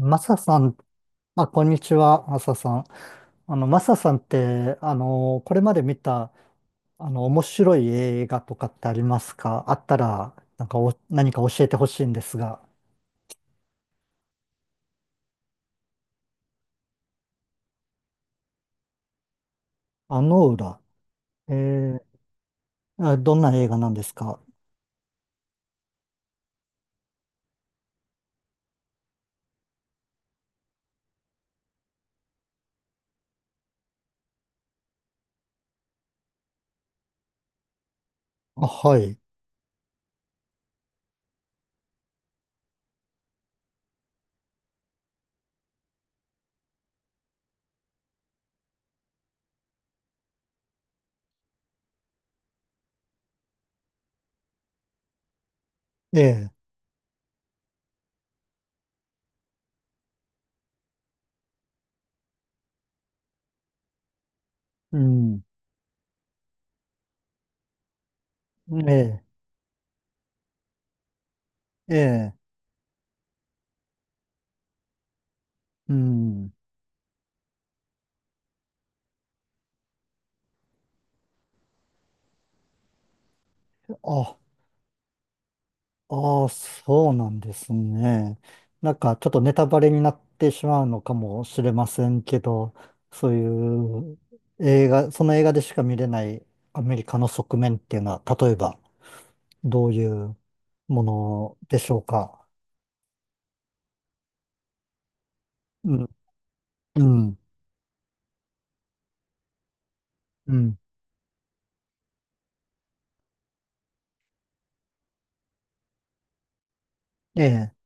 マサさん、あ、こんにちは、マサさん。マサさんって、これまで見た、面白い映画とかってありますか？あったら、なんかお、何か教えてほしいんですが。あの裏。えー、あ、どんな映画なんですか？あ、はい。ええ、うん。ええ、ええ、うん。あ、ああ、そうなんですね。なんかちょっとネタバレになってしまうのかもしれませんけど、そういう映画、その映画でしか見れないアメリカの側面っていうのは、例えばどういうものでしょうか。うん、うん、うん。ええ、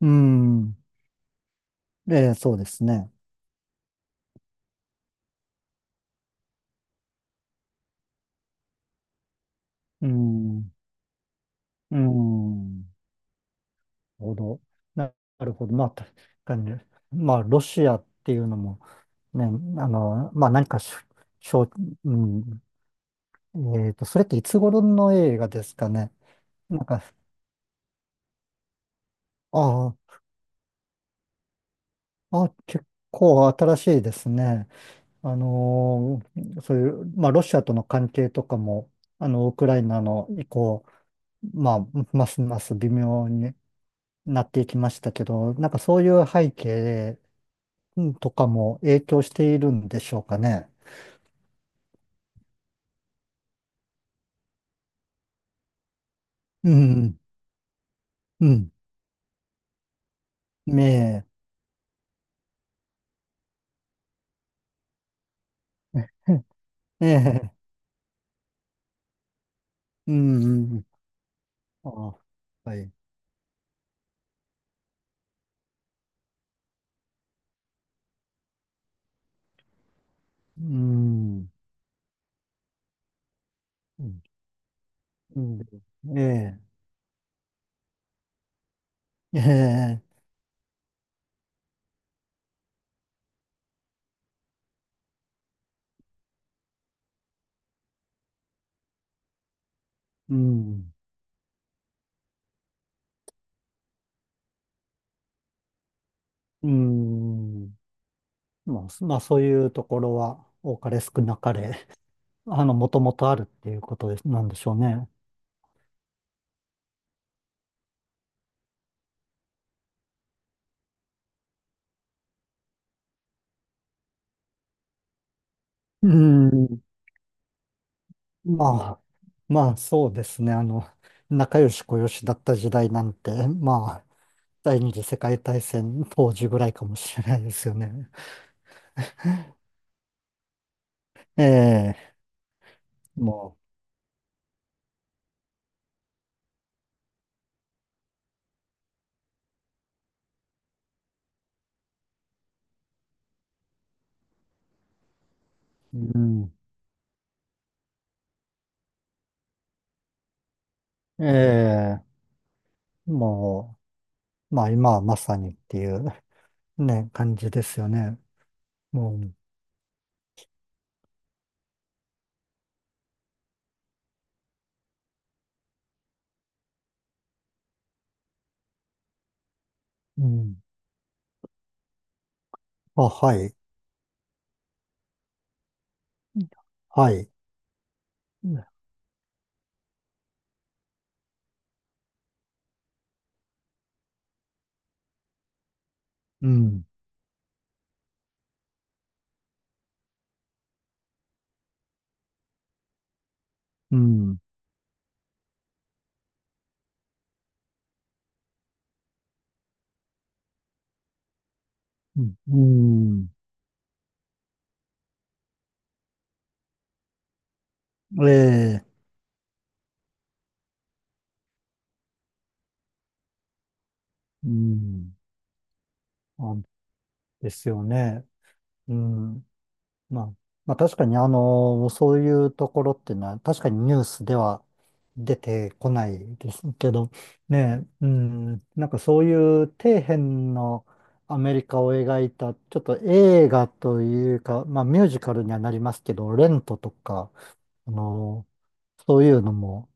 うん、ええ、そうですね。うん、うん、なるほど。な、なるほど。まあ、確かに。まあ、ロシアっていうのも、ね、まあ、何かしょ、しょう、うん、それっていつ頃の映画ですかね。なんか、ああ、あ、結構新しいですね。そういう、まあ、ロシアとの関係とかも、あの、ウクライナの以降、まあ、ますます微妙になっていきましたけど、なんかそういう背景うんとかも影響しているんでしょうかね。うん、うん、ねえ、ええ、うん。ああ、はい。うん。うん。うんええ。ええ。うん。うん。まあ、まあ、そういうところは、多かれ少なかれ、あの、もともとあるっていうことです、なんでしょうね。うん。まあ、まあ、そうですね。あの、仲良しこよしだった時代なんて、まあ、第二次世界大戦当時ぐらいかもしれないですよね。ええ。もう、うん。ええ。もう、まあ今はまさにっていう ね、感じですよね。もう、うん。あ、はい、はい。うん、うん、うん、うんええ、うん。あ、ですよね。うん。まあ、まあ確かにあの、そういうところっていうのは確かにニュースでは出てこないですけど、ねえ、うん、なんかそういう底辺のアメリカを描いた、ちょっと映画というか、まあミュージカルにはなりますけど、レントとか、あの、そういうのも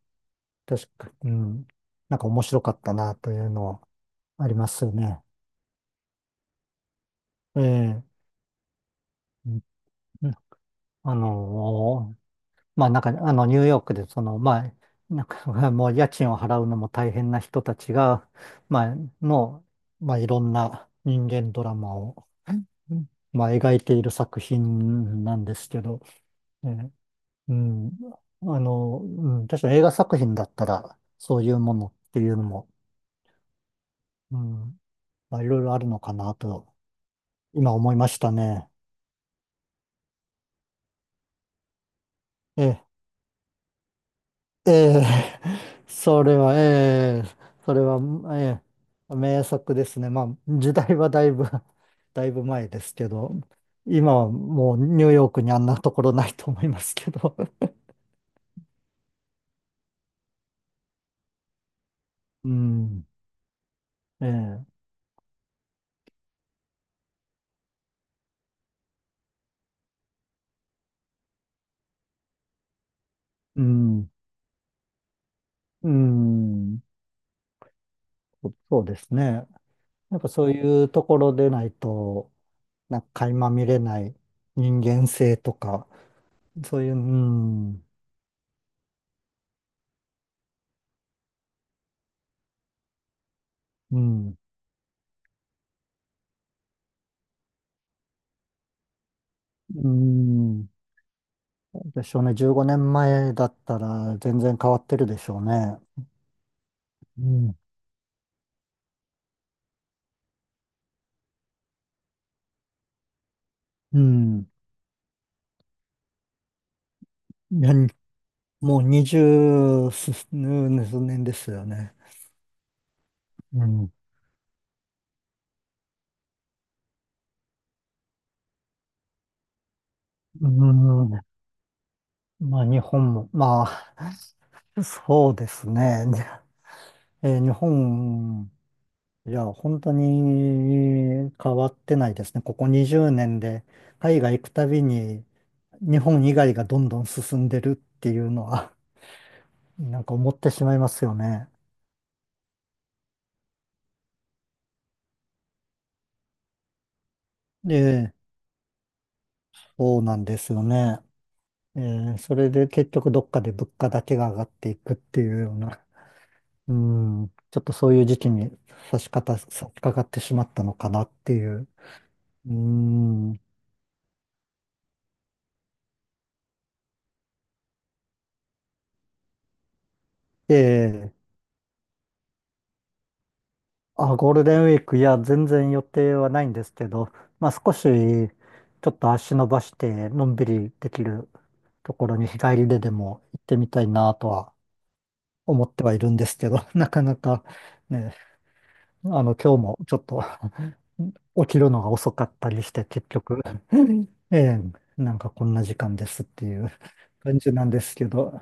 確か、うん、なんか面白かったなというのはありますよね。ええ、うん。あの、まあなんか、あの、ニューヨークで、その、まあ、なんか、もう家賃を払うのも大変な人たちが、まあ、の、まあいろんな人間ドラマを、まあ描いている作品なんですけど、ね。うん、あの、うん、確かに映画作品だったら、そういうものっていうのも、うん、まあいろいろあるのかなと、今思いましたね。ええ、ええ、それは、ええ、それは、ええ、名作ですね。まあ、時代はだいぶ、だいぶ前ですけど、今はもうニューヨークにあんなところないと思いますけど。うん、ええ、うん、うん、そ、そうですね。やっぱそういうところでないと、なんか垣間見れない人間性とか、そういう、うん、うん、うん、でしょうね。15年前だったら全然変わってるでしょうね。うん。うん。いや、もう20数年ですよね。うん。うん。まあ日本も、まあ、そうですね。日本、いや、本当に変わってないですね。ここ20年で海外行くたびに日本以外がどんどん進んでるっていうのは、なんか思ってしまいますよね。ええ、そうなんですよね。それで結局どっかで物価だけが上がっていくっていうような、うん、ちょっとそういう時期に差し掛かってしまったのかなっていう。うん、で、あ、ゴールデンウィーク、いや、全然予定はないんですけど、まあ少しちょっと足伸ばしてのんびりできるところに日帰りででも行ってみたいなとは思ってはいるんですけど、なかなかね、あの、今日もちょっと起きるのが遅かったりして、結局、うんええ、なんかこんな時間ですっていう感じなんですけど、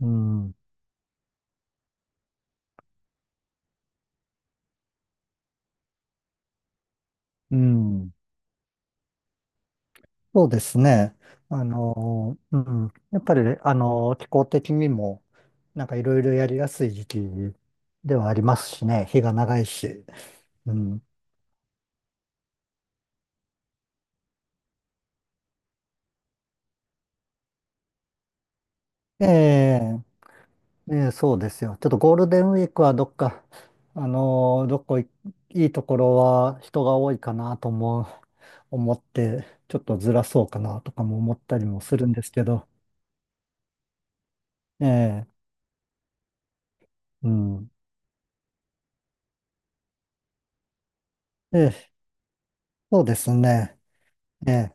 うん、うん、そうですね。あの、うん、やっぱり、あの、気候的にも、なんかいろいろやりやすい時期ではありますしね、日が長いし、うん、ええ、ええ、そうですよ。ちょっとゴールデンウィークはどっか、どこい、いいところは人が多いかなと思う、思って、ちょっとずらそうかなとかも思ったりもするんですけど、ええ、うん。ええ、そうですね。ええ